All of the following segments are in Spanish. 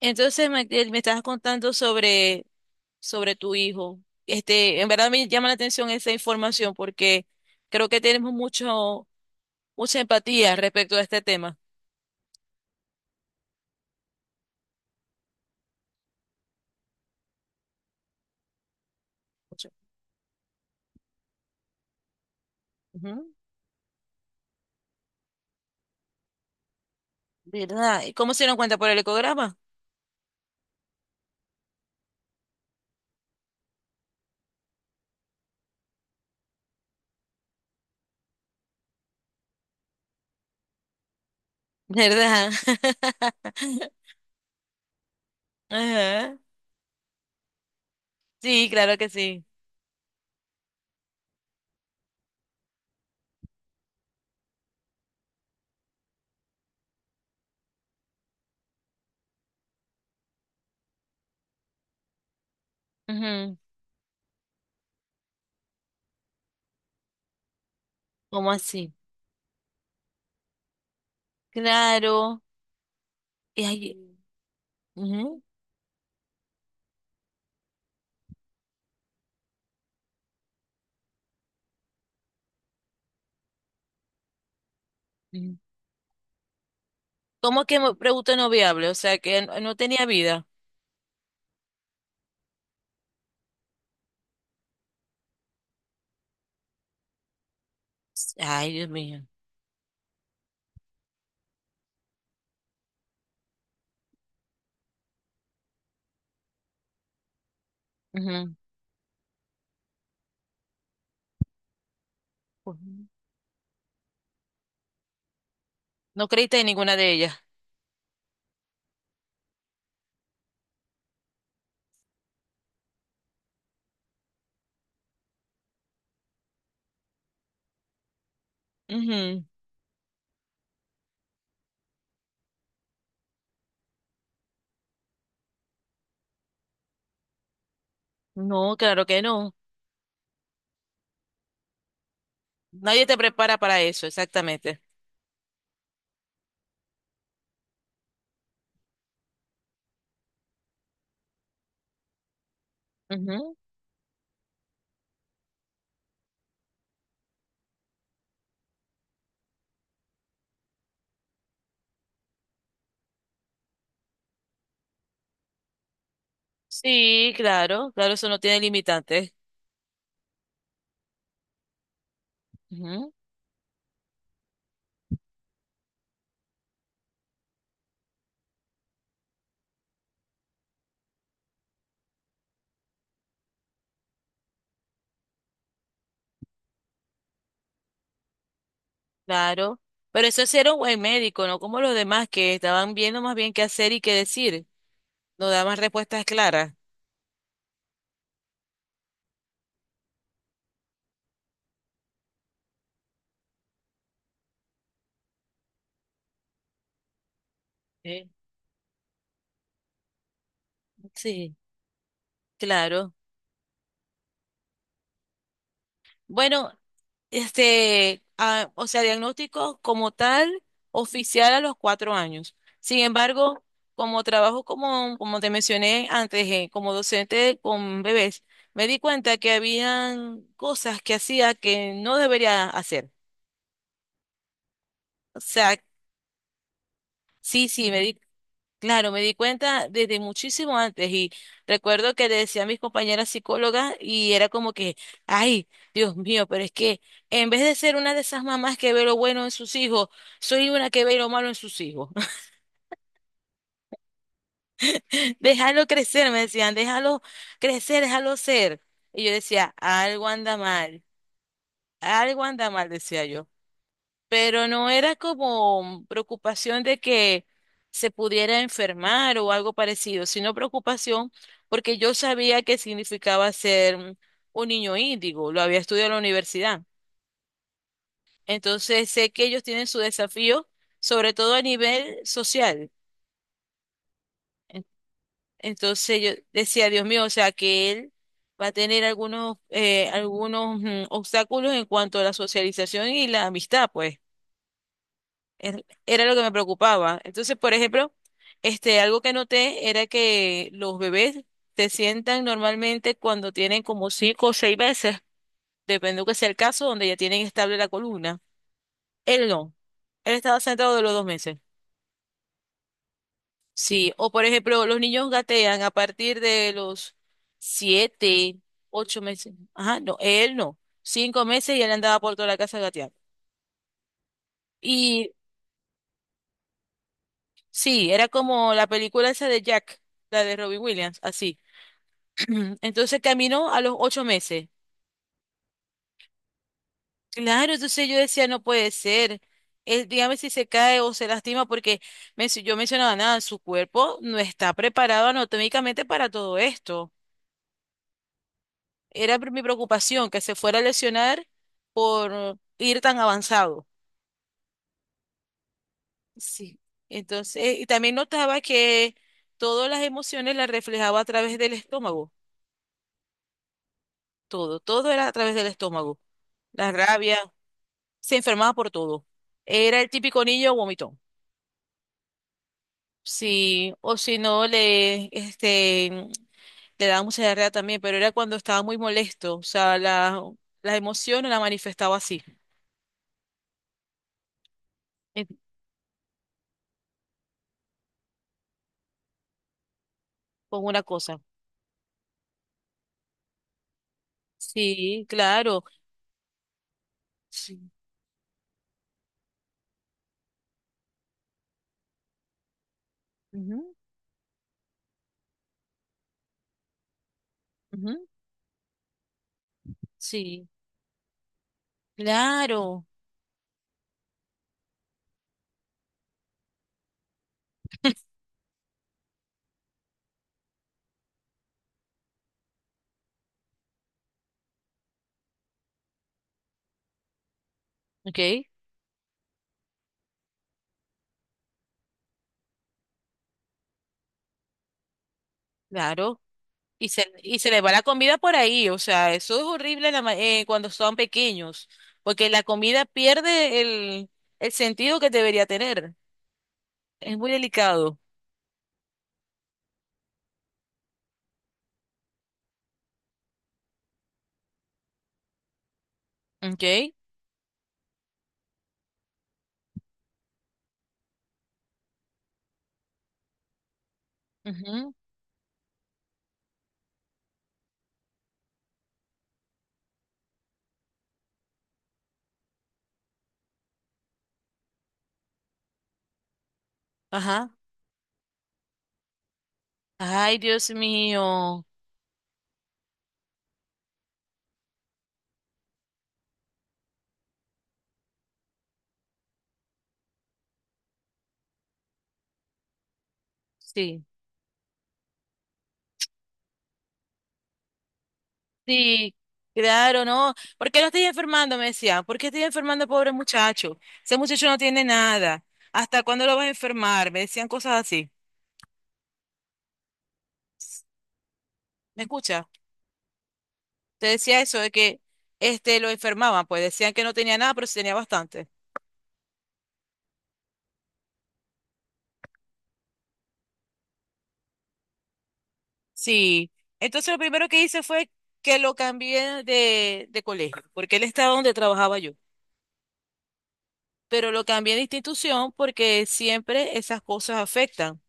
Entonces me estabas contando sobre tu hijo. Este, en verdad me llama la atención esa información porque creo que tenemos mucho, mucha empatía respecto a este tema. Mucho. Ujú. ¿Verdad? ¿Y cómo se dieron cuenta por el ecograma? ¿Verdad? Ajá. Sí, claro que sí. Ujú. ¿Cómo así? Claro. Y ahí- ujú, ujú. ¿Cómo que pregunta no viable? O sea, que no tenía vida. Ay, Dios mío. Ujú. No creíste en ninguna de ellas. Ujú. No, claro que no. Nadie te prepara para eso, exactamente. Ujú. Sí, claro, claro, eso no tiene limitantes. Ujú, claro. Pero eso sí era un buen médico, no como los demás que estaban viendo más bien qué hacer y qué decir. No daban respuestas claras. Sí. Sí, claro. Bueno, este, o sea, diagnóstico como tal, oficial a los 4 años. Sin embargo, como trabajo, como te mencioné antes, como docente con bebés, me di cuenta que habían cosas que hacía que no debería hacer. O sea. Sí, sí, me di, claro, me di cuenta desde muchísimo antes y recuerdo que le decía a mis compañeras psicólogas y era como que, ay, Dios mío, pero es que en vez de ser una de esas mamás que ve lo bueno en sus hijos, soy una que ve lo malo en sus hijos. Déjalo crecer, me decían, déjalo crecer, déjalo ser. Y yo decía, algo anda mal, decía yo. Pero no era como preocupación de que se pudiera enfermar o algo parecido, sino preocupación porque yo sabía que significaba ser un niño índigo, lo había estudiado en la universidad. Entonces sé que ellos tienen su desafío, sobre todo a nivel social. En- Entonces yo decía, Dios mío, o sea que él va a tener algunos, obstáculos en cuanto a la socialización y la amistad, pues. Era lo que me preocupaba. Entonces, por ejemplo, este, algo que noté era que los bebés se sientan normalmente cuando tienen como cinco o seis veces, dependiendo que sea el caso, donde ya tienen estable la columna. Él no. Él estaba sentado de los 2 meses. Sí. O por ejemplo, los niños gatean a partir de los 7, 8 meses. Ajá, no, él no. 5 meses y él andaba por toda la casa gateando. Y sí, era como la película esa de Jack, la de Robin Williams, así. Entonces caminó a los 8 meses. Claro, entonces yo decía, no puede ser. Él, dígame si se cae o se lastima, porque yo mencionaba nada, su cuerpo no está preparado anatómicamente para todo esto. Era mi preocupación que se fuera a lesionar por ir tan avanzado. Sí. Entonces, y también notaba que todas las emociones las reflejaba a través del estómago. Todo, todo era a través del estómago. La rabia, se enfermaba por todo. Era el típico niño vomitón. Sí, o si no le, este, le daba mucha diarrea también, pero era cuando estaba muy molesto, o sea, la emoción la manifestaba así, eh, con una cosa. Sí, claro. Sí, ujú, ujú, sí, claro, ok, claro. Y se les va la comida por ahí, o sea, eso es horrible en la cuando son pequeños, porque la comida pierde el sentido que debería tener, es muy delicado, ok, ujú, ajá. Ay, Dios mío. Sí, sí, claro, ¿no? ¿Por qué no estoy enfermando? Me decía. ¿Por qué estoy enfermando, pobre muchacho? Ese muchacho no tiene nada. ¿Hasta cuándo lo vas a enfermar? Me decían cosas así. ¿Me escucha? Te decía eso de que este lo enfermaban, pues decían que no tenía nada, pero sí tenía bastante. Sí. Entonces lo primero que hice fue que lo cambié de colegio, porque él estaba donde trabajaba yo. Pero lo cambié de institución porque siempre esas cosas afectan.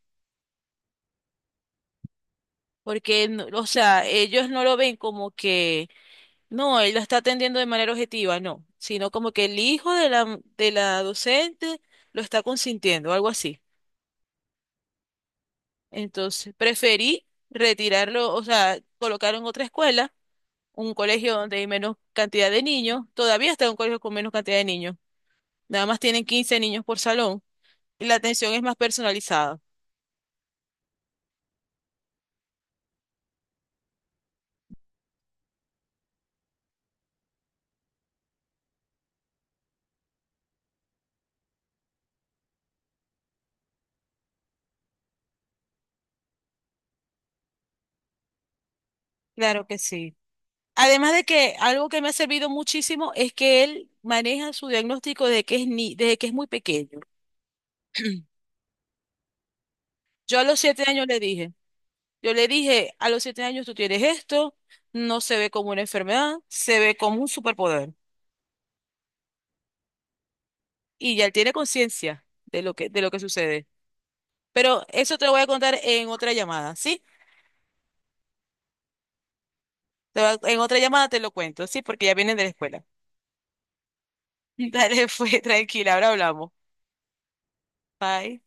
Porque, o sea, ellos no lo ven como que, no, él la está atendiendo de manera objetiva, no, sino como que el hijo de la, docente lo está consintiendo, algo así. Entonces, preferí retirarlo, o sea, colocar en otra escuela, un colegio donde hay menos cantidad de niños, todavía está en un colegio con menos cantidad de niños, nada más tienen 15 niños por salón y la atención es más personalizada. Claro que sí. Además de que algo que me ha servido muchísimo es que él maneja su diagnóstico desde que es ni, desde que es muy pequeño. Yo a los 7 años le dije, yo le dije, a los 7 años tú tienes esto, no se ve como una enfermedad, se ve como un superpoder. Y ya él tiene conciencia de de lo que sucede. Pero eso te lo voy a contar en otra llamada, ¿sí? En otra llamada te lo cuento, ¿sí? Porque ya vienen de la escuela. Dale, fue tranquila, ahora hablamos. Bye.